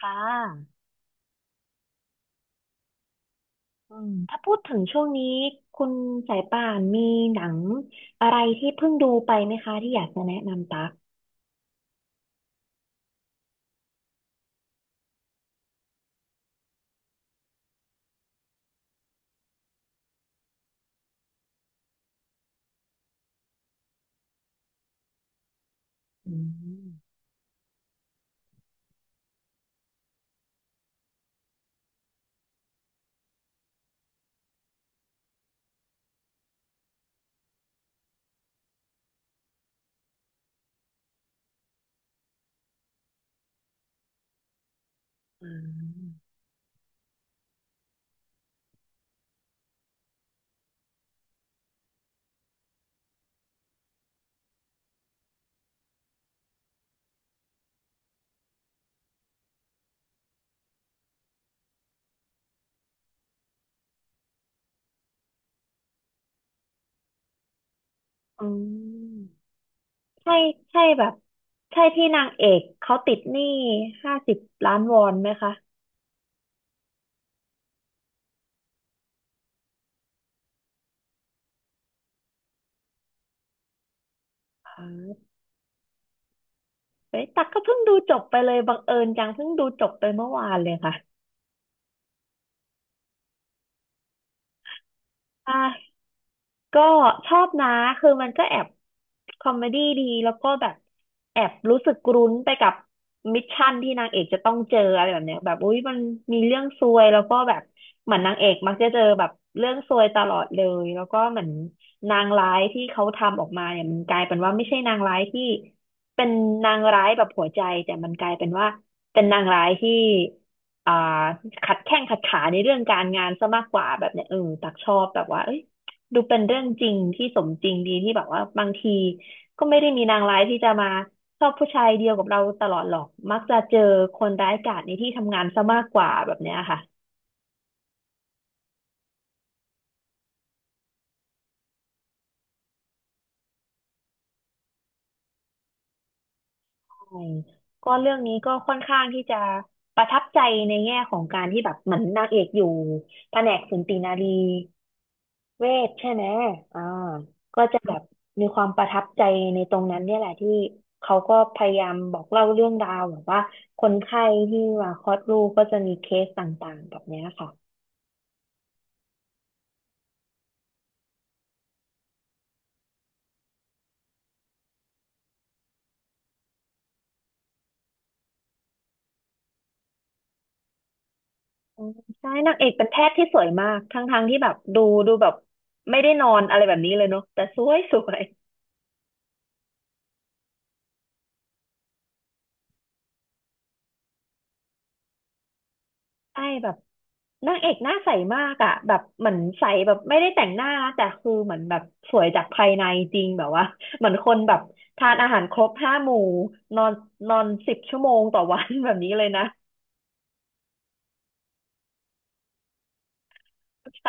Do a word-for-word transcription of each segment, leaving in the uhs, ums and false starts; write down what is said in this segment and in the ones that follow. ค่ะอืมถ้าพูดถึงช่วงนี้ คุณสายป่านมีหนังอะไรที่เพิ่งดูไปไหมคะที่อยากจะแนะนำตักอืมอ่าอืมใช่ใช่แบบ ใช่ที่นางเอกเขาติดหนี้ห้าสิบล้านวอนไหมคะอ๋อเฮ้ยตักก็เพิ่งดูจบไปเลย บังเอิญจังเพิ่งดูจบไปเมื่อวานเลยค่ะใช่ ก็ชอบนะคือมันก็แอบคอมเมดี้ดีแล้วก็แบบแอบรู้สึกรุ้นไปกับมิชชั่นที่นางเอกจะต้องเจออะไรแบบเนี้ยแบบอุ๊ยมันมีเรื่องซวยแล้วก็แบบเหมือนนางเอกมักจะเจอแบบเรื่องซวยตลอดเลยแล้วก็เหมือนนางร้ายที่เขาทำออกมาเนี่ยมันกลายเป็นว่าไม่ใช่นางร้ายที่เป็นนางร้ายแบบหัวใจแต่มันกลายเป็นว่าเป็นนางร้ายที่อ่าขัดแข้งขัดขาในเรื่องการงานซะมากกว่าแบบเนี้ยเออตักชอบแบบว่าเอ้ย ดูเป็นเรื่องจริงที่สมจริงดีที่แบบว่าบางทีก็ไม่ได้มีนางร้ายที่จะมาชอบผู้ชายเดียวกับเราตลอดหรอกมักจะเจอคนร้ายกาจในที่ทำงานซะมากกว่าแบบเนี้ยค่ะใช่ก็เรื่องนี้ก็ค่อนข้างที่จะประทับใจในแง่ของการที่แบบเหมือนนางเอกอยู่แผนกสูตินารี เวทใช่ไหมอ่าก็จะแบบมีความประทับใจในตรงนั้นเนี่ยแหละที่เขาก็พยายามบอกเล่าเรื่องราวแบบว่าคนไข้ที่มาคลอดลูกก็จะมีเคสต่างๆแบบเนี้ยค่ะอืมใช่นางเอกเป็นแพทย์ที่สวยมากทั้งๆที่แบบดูดูแบบไม่ได้นอนอะไรแบบนี้เลยเนาะแต่สวยสวย ใช่แบบนางเอกหน้าใสมากอ่ะแบบเหมือนใสแบบไม่ได้แต่งหน้านะแต่คือเหมือนแบบสวยจากภายในจริงแบบว่าเหมือนคนแบบทานอาหารครบห้าหมู่นอนนอนสิบชั่วโมงต่อวัน แบบนี้เลยนะใช่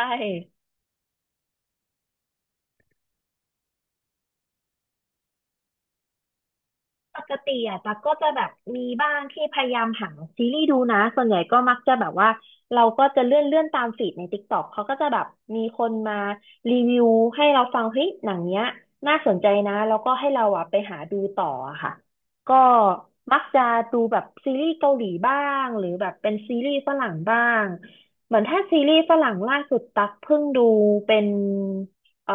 ปกติอ่ะตั๊กก็จะแบบมีบ้างที่พยายามหาซีรีส์ดูนะส่วนใหญ่ก็มักจะแบบว่าเราก็จะเลื่อนเลื่อนตามฟีดใน TikTok เขาก็จะแบบมีคนมารีวิวให้เราฟังเฮ้ยหนังเนี้ยน่าสนใจนะแล้วก็ให้เราอ่ะไปหาดูต่ออะค่ะก็มักจะดูแบบซีรีส์เกาหลีบ้างหรือแบบเป็นซีรีส์ฝรั่งบ้างเหมือนถ้าซีรีส์ฝรั่งล่าสุดตั๊กเพิ่งดูเป็นเอ่อ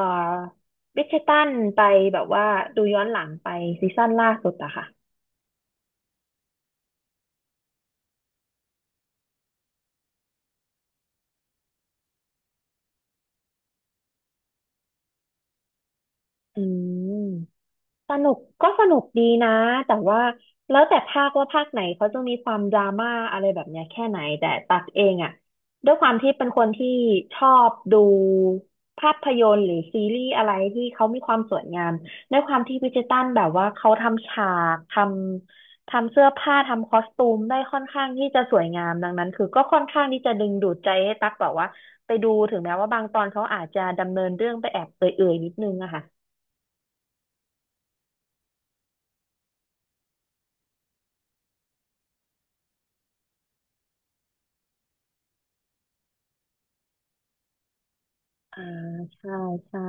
วิกเชตันไปแบบว่าดูย้อนหลังไปซีซั่นล่าสุดอะค่ะอืม สนุกก็สนุกดีนะแต่ว่าแล้วแต่ภาคว่าภาคไหนเขาจะมีความดราม่าอะไรแบบเนี้ยแค่ไหนแต่ตักเองอ่ะด้วยความที่เป็นคนที่ชอบดูภาพยนตร์หรือซีรีส์อะไรที่เขามีความสวยงามด้วยความที่บริจตันแบบว่าเขาทำฉากทำทำเสื้อผ้าทำคอสตูมได้ค่อนข้างที่จะสวยงามดังนั้นคือก็ค่อนข้างที่จะดึงดูดใจให้ตักแบบว่าไปดูถึงแม้ว่าบางตอนเขาอาจจะดำเนินเรื่องไปแอบเอื่อยๆนิดนึงอะค่ะ อ่าใช่ใช่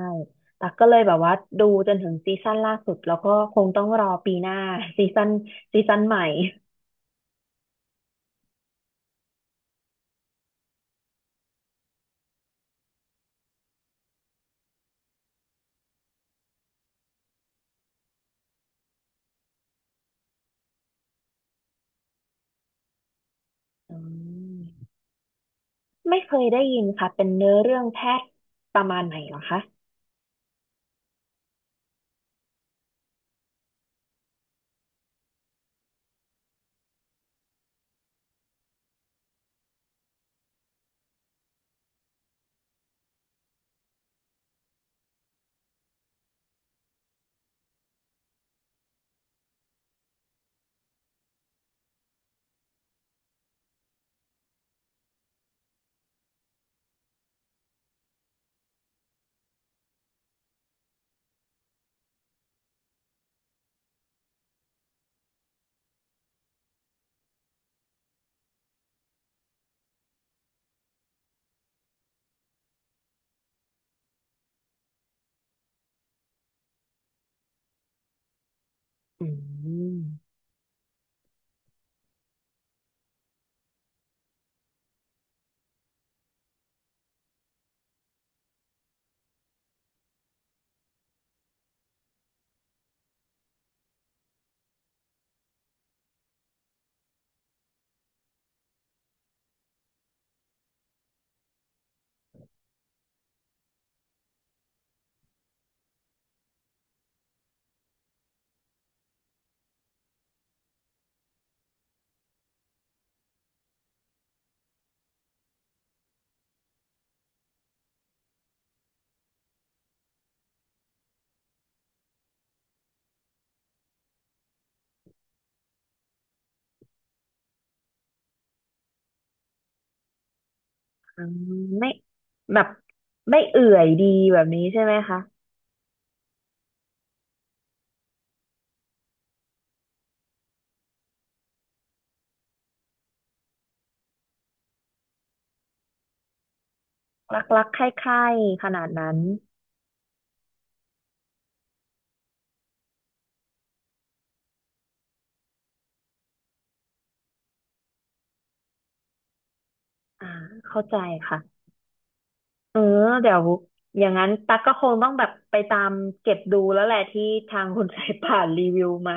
ตักก็เลยแบบว่าดูจนถึงซีซั่นล่าสุดแล้วก็คงต้องรอปีหน้า ซีซั่นซีซั่นใหม่อืมไม่เคยได้ยินค่ะเป็นเนื้อเรื่องแพทย์ประมาณไหนเหรอคะอืมอืมไม่แบบไม่เอื่อยดีแบบนี้ใช่ไหมคะรักๆไขใคร่ๆขนาดนั้นอ่าเข้าใจค่ะเออเดี๋ยวอย่างนั้นตักก็คงต้องแบบไปตามเก็บดูแล้วแหละที่ทางคุณ สายป่านรีวิวมา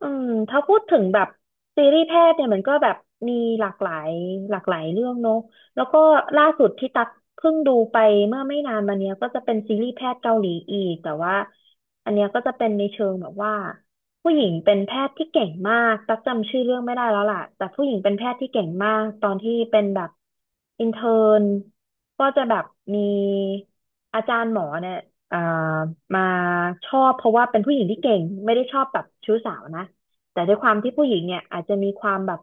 อืมถ้าพูดถึงแบบซีรีส์แพทย์เนี่ยมันก็แบบมีหลากหลายหลากหลายเรื่องเนอะแล้วก็ล่าสุดที่ตักเพิ่งดูไปเมื่อไม่นานมาเนี้ยก็จะเป็นซีรีส์แพทย์เกาหลีอีกแต่ว่าอันเนี้ยก็จะเป็นในเชิงแบบว่าผู้หญิงเป็นแพทย์ที่เก่งมากตักจำชื่อเรื่องไม่ได้แล้วล่ะแต่ผู้หญิงเป็นแพทย์ที่เก่งมากตอนที่เป็นแบบอินเทิร์นก็จะแบบมีอาจารย์หมอเนี่ย เอ่อมาชอบเพราะว่าเป็นผู้หญิงที่เก่งไม่ได้ชอบแบบชู้สาวนะแต่ด้วยความที่ผู้หญิงเนี่ยอาจจะมีความแบบ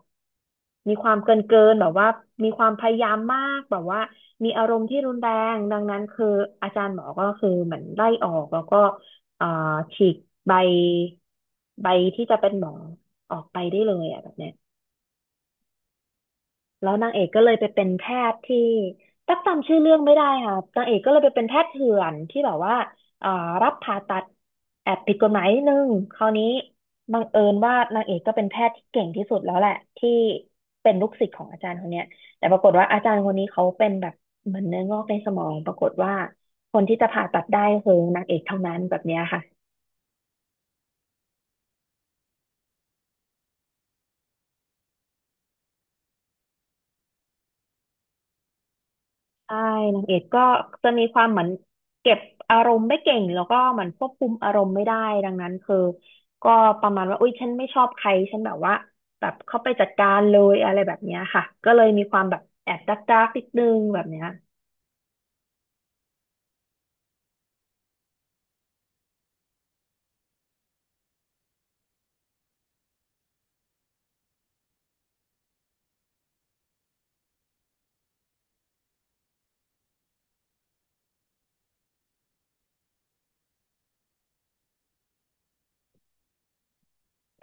มีความเกินเกินแบบว่ามีความพยายามมากแบบว่ามีอารมณ์ที่รุนแรงดังนั้นคืออาจารย์หมอก็คือเหมือนไล่ออกแล้วก็เอ่าฉีกใบใบที่จะเป็นหมอออกไปได้เลยอ่ะแบบเนี้ย แล้วนางเอกก็เลยไปเป็นแพทย์ที่ตักจำชื่อเรื่องไม่ได้ค่ะนางเอกก็เลยไปเป็นแพทย์เถื่อนที่แบบว่าเอ่อรับผ่าตัดแอบผิดกฎหมายนิดนึงคราวนี้บังเอิญว่านางเอกก็เป็นแพทย์ที่เก่งที่สุดแล้วแหละที่เป็นลูกศิษย์ของอาจารย์คนเนี้ยแต่ปรากฏว่าอาจารย์คนนี้เขาเป็นแบบเหมือนเนื้องอกในสมองปรากฏว่าคนที่จะผ่าตัดได้คือนางเอกเท่านั้นแบบเนี้ยค่ะ ใช่นางเอกก็จะมีความเหมือนเก็บอารมณ์ไม่เก่งแล้วก็เหมือนควบคุมอารมณ์ไม่ได้ดังนั้นคือก็ประมาณว่าอุ้ยฉันไม่ชอบใครฉันแบบว่าแบบเข้าไปจัดการเลยอะไรแบบเนี้ยค่ะก็เลยมีความแบบแอบดักดักนิดนึงแบบเนี้ย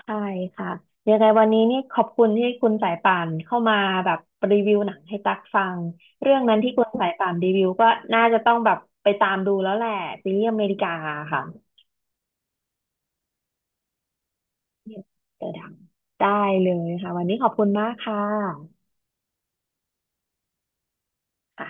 ใช่ค่ะยังไงวันนี้นี่ขอบคุณที่คุณสายป่านเข้ามาแบบรีวิวหนังให้ตักฟังเรื่องนั้นที่คุณสายป่านรีวิวก็น่าจะต้องแบบไปตามดูแล้วแหละซีรีส์อเมริกาค่ะ เดี๋ยดังได้เลยค่ะวันนี้ขอบคุณมากค่ะค่ะ